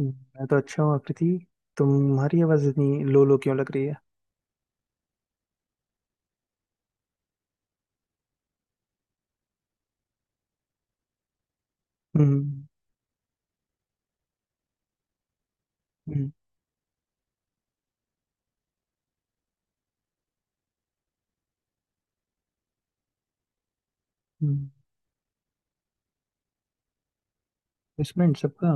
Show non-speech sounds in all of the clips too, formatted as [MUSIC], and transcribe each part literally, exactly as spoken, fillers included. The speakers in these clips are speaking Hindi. हम्म, मैं तो अच्छा हूँ आकृति। तुम्हारी आवाज इतनी लो लो क्यों लग रही है? हम्म हम्म हम्म। प्लेसमेंट सबका?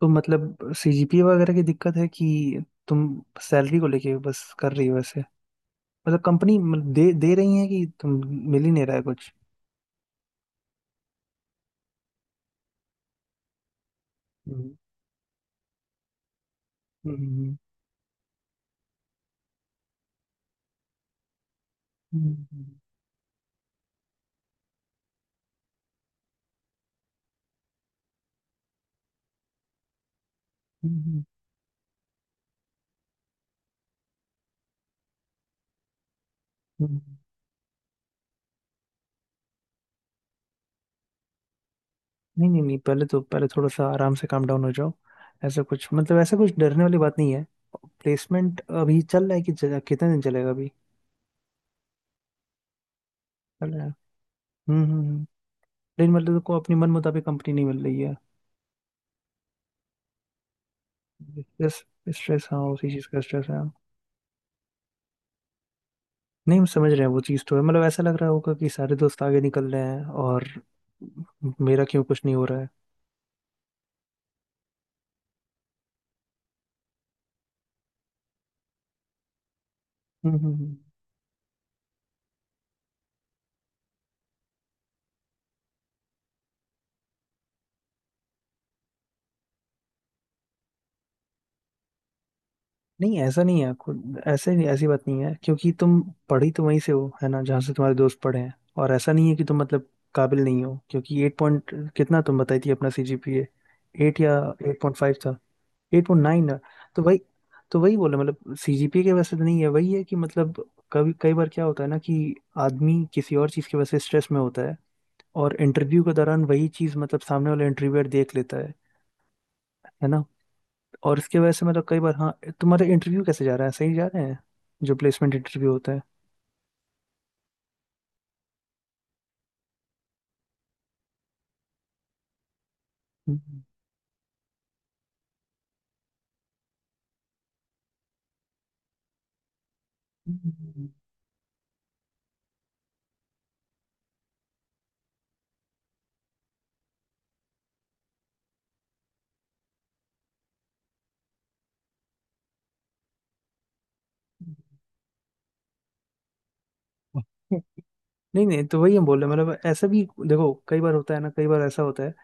तो मतलब सीजीपीए वगैरह की दिक्कत है कि तुम सैलरी को लेके बस कर रही हो ऐसे? मतलब कंपनी मतलब दे दे रही है कि तुम मिल ही नहीं रहा है कुछ? हम्म हम्म हम्म, हम्म, हम्म। हम्म, हम्म। नहीं नहीं नहीं पहले तो पहले थोड़ा सा आराम से काम डाउन हो जाओ। ऐसा कुछ मतलब ऐसा कुछ डरने वाली बात नहीं है। प्लेसमेंट अभी चल रहा है कि चल- कितने दिन चलेगा अभी? चल रहा है। हम्म हम्म हम्म। लेकिन मतलब को अपनी मन मुताबिक कंपनी नहीं मिल रही है। स्ट्रेस स्ट्रेस हाँ उसी चीज़ का स्ट्रेस है। नहीं हम समझ रहे हैं वो चीज़ तो है, मतलब ऐसा लग रहा होगा कि सारे दोस्त आगे निकल रहे हैं और मेरा क्यों कुछ नहीं हो रहा है। हम्म हम्म, हम्म। नहीं ऐसा नहीं है, खुद ऐसे ऐसी बात नहीं है, क्योंकि तुम पढ़ी तो वहीं से हो है ना जहाँ से तुम्हारे दोस्त पढ़े हैं। और ऐसा नहीं है कि तुम मतलब काबिल नहीं हो, क्योंकि एट पॉइंट कितना तुम बताई थी अपना सीजीपीए? एट या एट पॉइंट फाइव था? Eight nine? तो वही तो वही बोला मतलब सीजीपीए के वजह से तो नहीं है, वही है कि मतलब कभी कई बार क्या होता है ना कि आदमी किसी और चीज की वजह से स्ट्रेस में होता है और इंटरव्यू के दौरान वही चीज मतलब सामने वाला इंटरव्यूअर देख लेता है है ना? और इसके वजह से मतलब कई बार, हाँ। तुम्हारा इंटरव्यू कैसे जा रहा है, सही जा रहे हैं जो प्लेसमेंट इंटरव्यू होता है? हम्म। नहीं नहीं तो वही हम बोल रहे हैं मतलब ऐसा भी देखो कई बार होता है ना, कई बार ऐसा होता है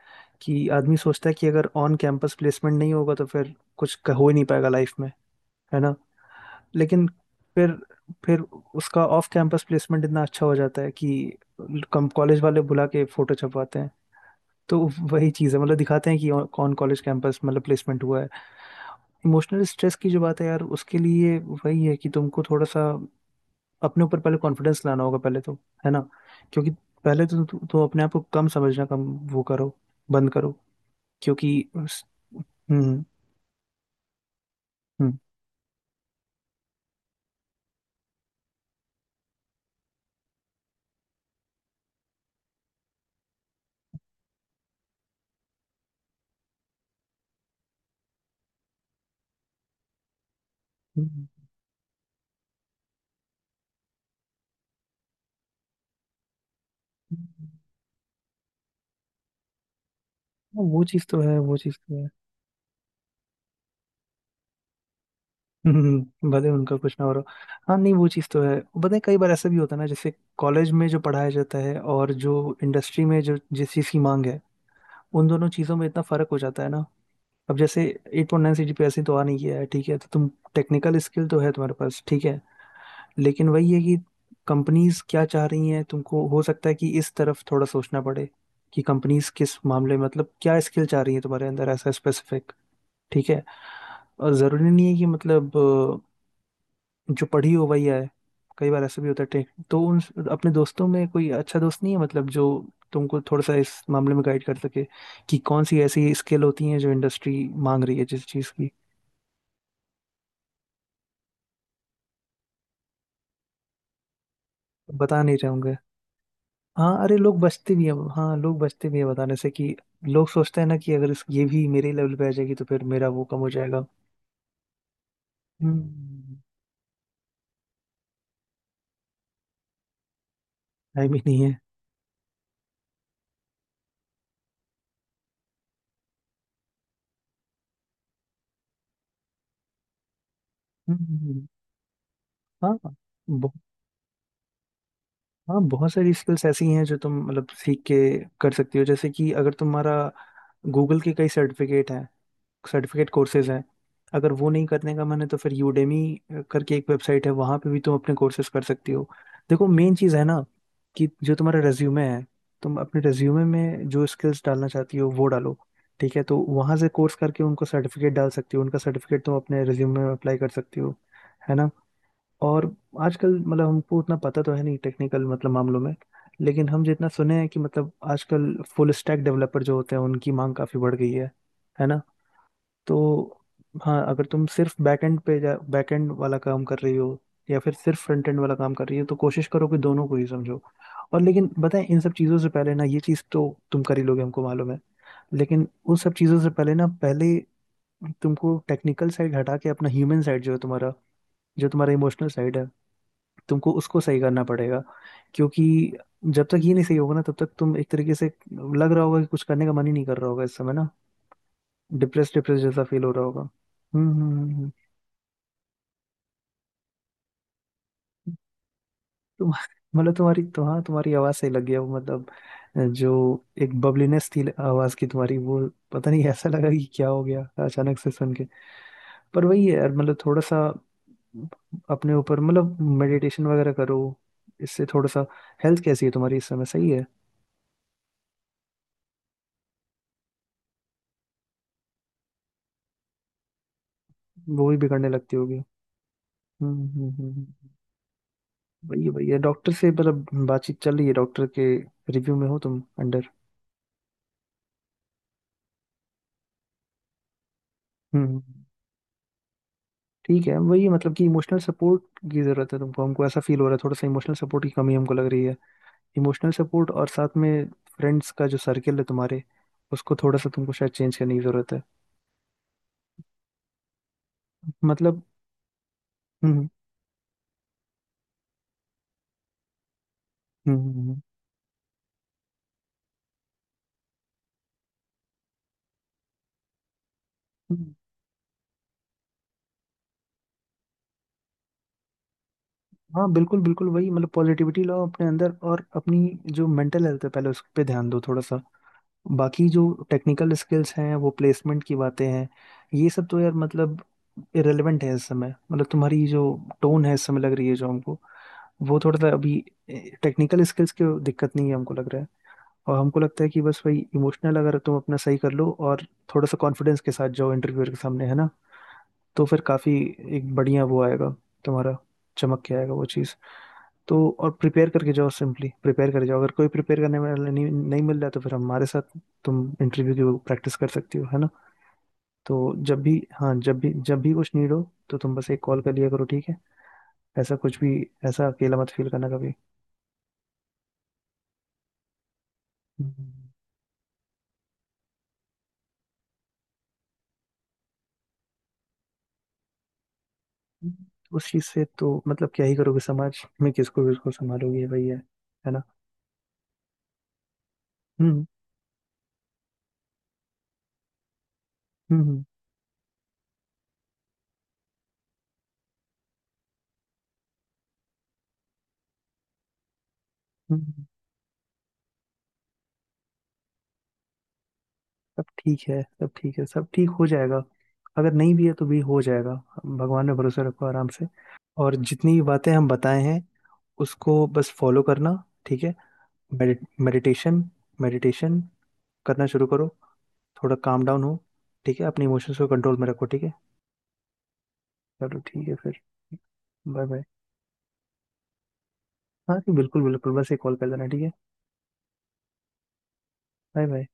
कि आदमी सोचता है कि अगर ऑन कैंपस प्लेसमेंट नहीं होगा तो फिर कुछ हो ही नहीं पाएगा लाइफ में, है ना? लेकिन फिर फिर उसका ऑफ कैंपस प्लेसमेंट इतना अच्छा हो जाता है कि कम कॉलेज वाले बुला के फोटो छपवाते हैं। तो वही चीज़ है मतलब दिखाते हैं कि कौन कॉलेज कैंपस मतलब प्लेसमेंट हुआ है। इमोशनल स्ट्रेस की जो बात है यार, उसके लिए वही है कि तुमको थोड़ा सा अपने ऊपर पहले कॉन्फिडेंस लाना होगा पहले तो, है ना? क्योंकि पहले तो तु- तुम अपने आप को कम समझना, कम वो करो, बंद करो, क्योंकि उस- हम्म हम्म हम्म, वो चीज़ तो है वो चीज़ तो है। [LAUGHS] हम्म, भले उनका कुछ ना हो रहा हो। हाँ नहीं वो चीज़ तो है। पता है कई बार ऐसा भी होता है ना जैसे कॉलेज में जो पढ़ाया जाता है और जो इंडस्ट्री में जो जिस चीज़ की मांग है, उन दोनों चीज़ों में इतना फर्क हो जाता है ना। अब जैसे eight point nine C G P तो आ नहीं गया है, ठीक है? तो तुम टेक्निकल स्किल तो है तुम्हारे पास, ठीक है? लेकिन वही है कि कंपनीज क्या चाह रही हैं तुमको, हो सकता है कि इस तरफ थोड़ा सोचना पड़े कि कंपनीज किस मामले में, मतलब क्या स्किल चाह रही है तुम्हारे अंदर ऐसा स्पेसिफिक, ठीक है? और ज़रूरी नहीं है कि मतलब जो पढ़ी हो वही आए, कई बार ऐसा भी होता है। टे- तो उन अपने दोस्तों में कोई अच्छा दोस्त नहीं है मतलब जो तुमको थोड़ा सा इस मामले में गाइड कर सके कि कौन सी ऐसी स्किल होती है जो इंडस्ट्री मांग रही है जिस चीज की? बता नहीं चाहूंगा। हाँ अरे लोग बचते भी है, हाँ लोग बचते भी है बताने से कि, लोग सोचते हैं ना कि अगर इस ये भी मेरे लेवल पे आ जाएगी तो फिर मेरा वो कम हो जाएगा। हम्म। टाइम ही नहीं है। हम्म। हाँ, हाँ बहुत सारी स्किल्स ऐसी हैं जो तुम मतलब सीख के कर सकती हो, जैसे कि अगर तुम्हारा गूगल के कई सर्टिफिकेट हैं, सर्टिफिकेट कोर्सेज हैं। अगर वो नहीं करने का मन है तो फिर यूडेमी करके एक वेबसाइट है, वहाँ पे भी तुम अपने कोर्सेज कर सकती हो। देखो मेन चीज़ है ना कि जो तुम्हारा रेज्यूमे है, तुम अपने रेज्यूमे में जो स्किल्स डालना चाहती हो वो डालो, ठीक है? तो वहाँ से कोर्स करके उनको सर्टिफिकेट डाल सकती हो, उनका सर्टिफिकेट तुम अपने रेज्यूमे में अप्लाई कर सकती हो, है ना? और आजकल मतलब हमको उतना पता तो है नहीं टेक्निकल मतलब मामलों में, लेकिन हम जितना सुने हैं कि मतलब आजकल फुल स्टैक डेवलपर जो होते हैं उनकी मांग काफी बढ़ गई है है ना? तो हाँ अगर तुम सिर्फ बैकएंड पे जा बैकएंड वाला काम कर रही हो या फिर सिर्फ फ्रंट एंड वाला काम कर रही हो तो कोशिश करो कि दोनों को ही समझो। और लेकिन बताएं इन सब चीज़ों से पहले ना ये चीज़ तो तुम कर ही लोगे हमको मालूम है, लेकिन उन सब चीज़ों से पहले ना पहले तुमको टेक्निकल साइड हटा के अपना ह्यूमन साइड जो है तुम्हारा, जो तुम्हारा इमोशनल साइड है, तुमको उसको सही करना पड़ेगा, क्योंकि जब तक ये नहीं सही होगा ना तब तक तुम एक तरीके से लग रहा होगा कि कुछ करने का मन ही नहीं कर रहा होगा इस समय ना, डिप्रेस डिप्रेस जैसा फील हो रहा होगा। हम्म हम्म हम्म, हम्म। तुम मतलब तुम्हारी तो, हाँ तुम्हारी आवाज़ सही लगी है वो, मतलब जो एक बबलीनेस थी आवाज़ की तुम्हारी वो, पता नहीं ऐसा लगा कि क्या हो गया अचानक से सुन के। पर वही है यार मतलब थोड़ा सा अपने ऊपर मतलब मेडिटेशन वगैरह करो, इससे थोड़ा सा। हेल्थ कैसी है तुम्हारी इस समय, सही है? वो भी बिगड़ने लगती होगी। हम्म हम्म हम्म। हम्म। वही वही है डॉक्टर से मतलब बातचीत चल रही है, डॉक्टर के रिव्यू में हो तुम अंडर? हम्म हम्म, हम्म। ठीक है वही मतलब कि इमोशनल सपोर्ट की जरूरत है तुमको, हमको ऐसा फील हो रहा है थोड़ा सा इमोशनल सपोर्ट की कमी हमको लग रही है। इमोशनल सपोर्ट और साथ में फ्रेंड्स का जो सर्कल है तुम्हारे, उसको थोड़ा सा तुमको शायद चेंज करने की जरूरत है, मतलब। हम्म हम्म हम्म, हम्म। हम्म। हाँ बिल्कुल बिल्कुल वही मतलब पॉजिटिविटी लाओ अपने अंदर और अपनी जो मेंटल हेल्थ है पहले उस पे ध्यान दो थोड़ा सा। बाकी जो टेक्निकल स्किल्स हैं वो प्लेसमेंट की बातें हैं, ये सब तो यार मतलब इरेलीवेंट है इस समय। मतलब तुम्हारी जो टोन है इस समय लग रही है जो हमको, वो थोड़ा सा अभी, टेक्निकल स्किल्स की दिक्कत नहीं है हमको लग रहा है। और हमको लगता है कि बस वही इमोशनल अगर तुम अपना सही कर लो और थोड़ा सा कॉन्फिडेंस के साथ जाओ इंटरव्यूअर के सामने, है ना? तो फिर काफ़ी एक बढ़िया वो आएगा तुम्हारा, चमक के आएगा वो चीज़। तो और प्रिपेयर करके जाओ, सिंपली प्रिपेयर करके जाओ, अगर कोई प्रिपेयर करने वाला नहीं नहीं मिल रहा है तो फिर हमारे साथ तुम इंटरव्यू की प्रैक्टिस कर सकती हो, है ना? तो जब भी, हाँ जब भी जब भी कुछ नीड हो तो तुम बस एक कॉल कर लिया करो, ठीक है? ऐसा कुछ भी, ऐसा अकेला मत फील करना कभी। हम्म। उस चीज़ से तो मतलब क्या ही करोगे, समाज में किसको किसको संभालोगे भाई, है। है ना? हम्म हम्म हम्म हम्म। सब ठीक है सब ठीक है सब ठीक हो जाएगा, अगर नहीं भी है तो भी हो जाएगा। भगवान में भरोसा रखो आराम से। और जितनी भी बातें हम बताए हैं, उसको बस फॉलो करना, ठीक है? मेडिटेशन मेडिटेशन करना शुरू करो, थोड़ा काम डाउन हो। ठीक है अपने इमोशंस को कंट्रोल में रखो, ठीक है? चलो ठीक है फिर। Bye bye. हाँ जी बिल्कुल बिल्कुल बस एक कॉल कर देना, ठीक है? Bye bye.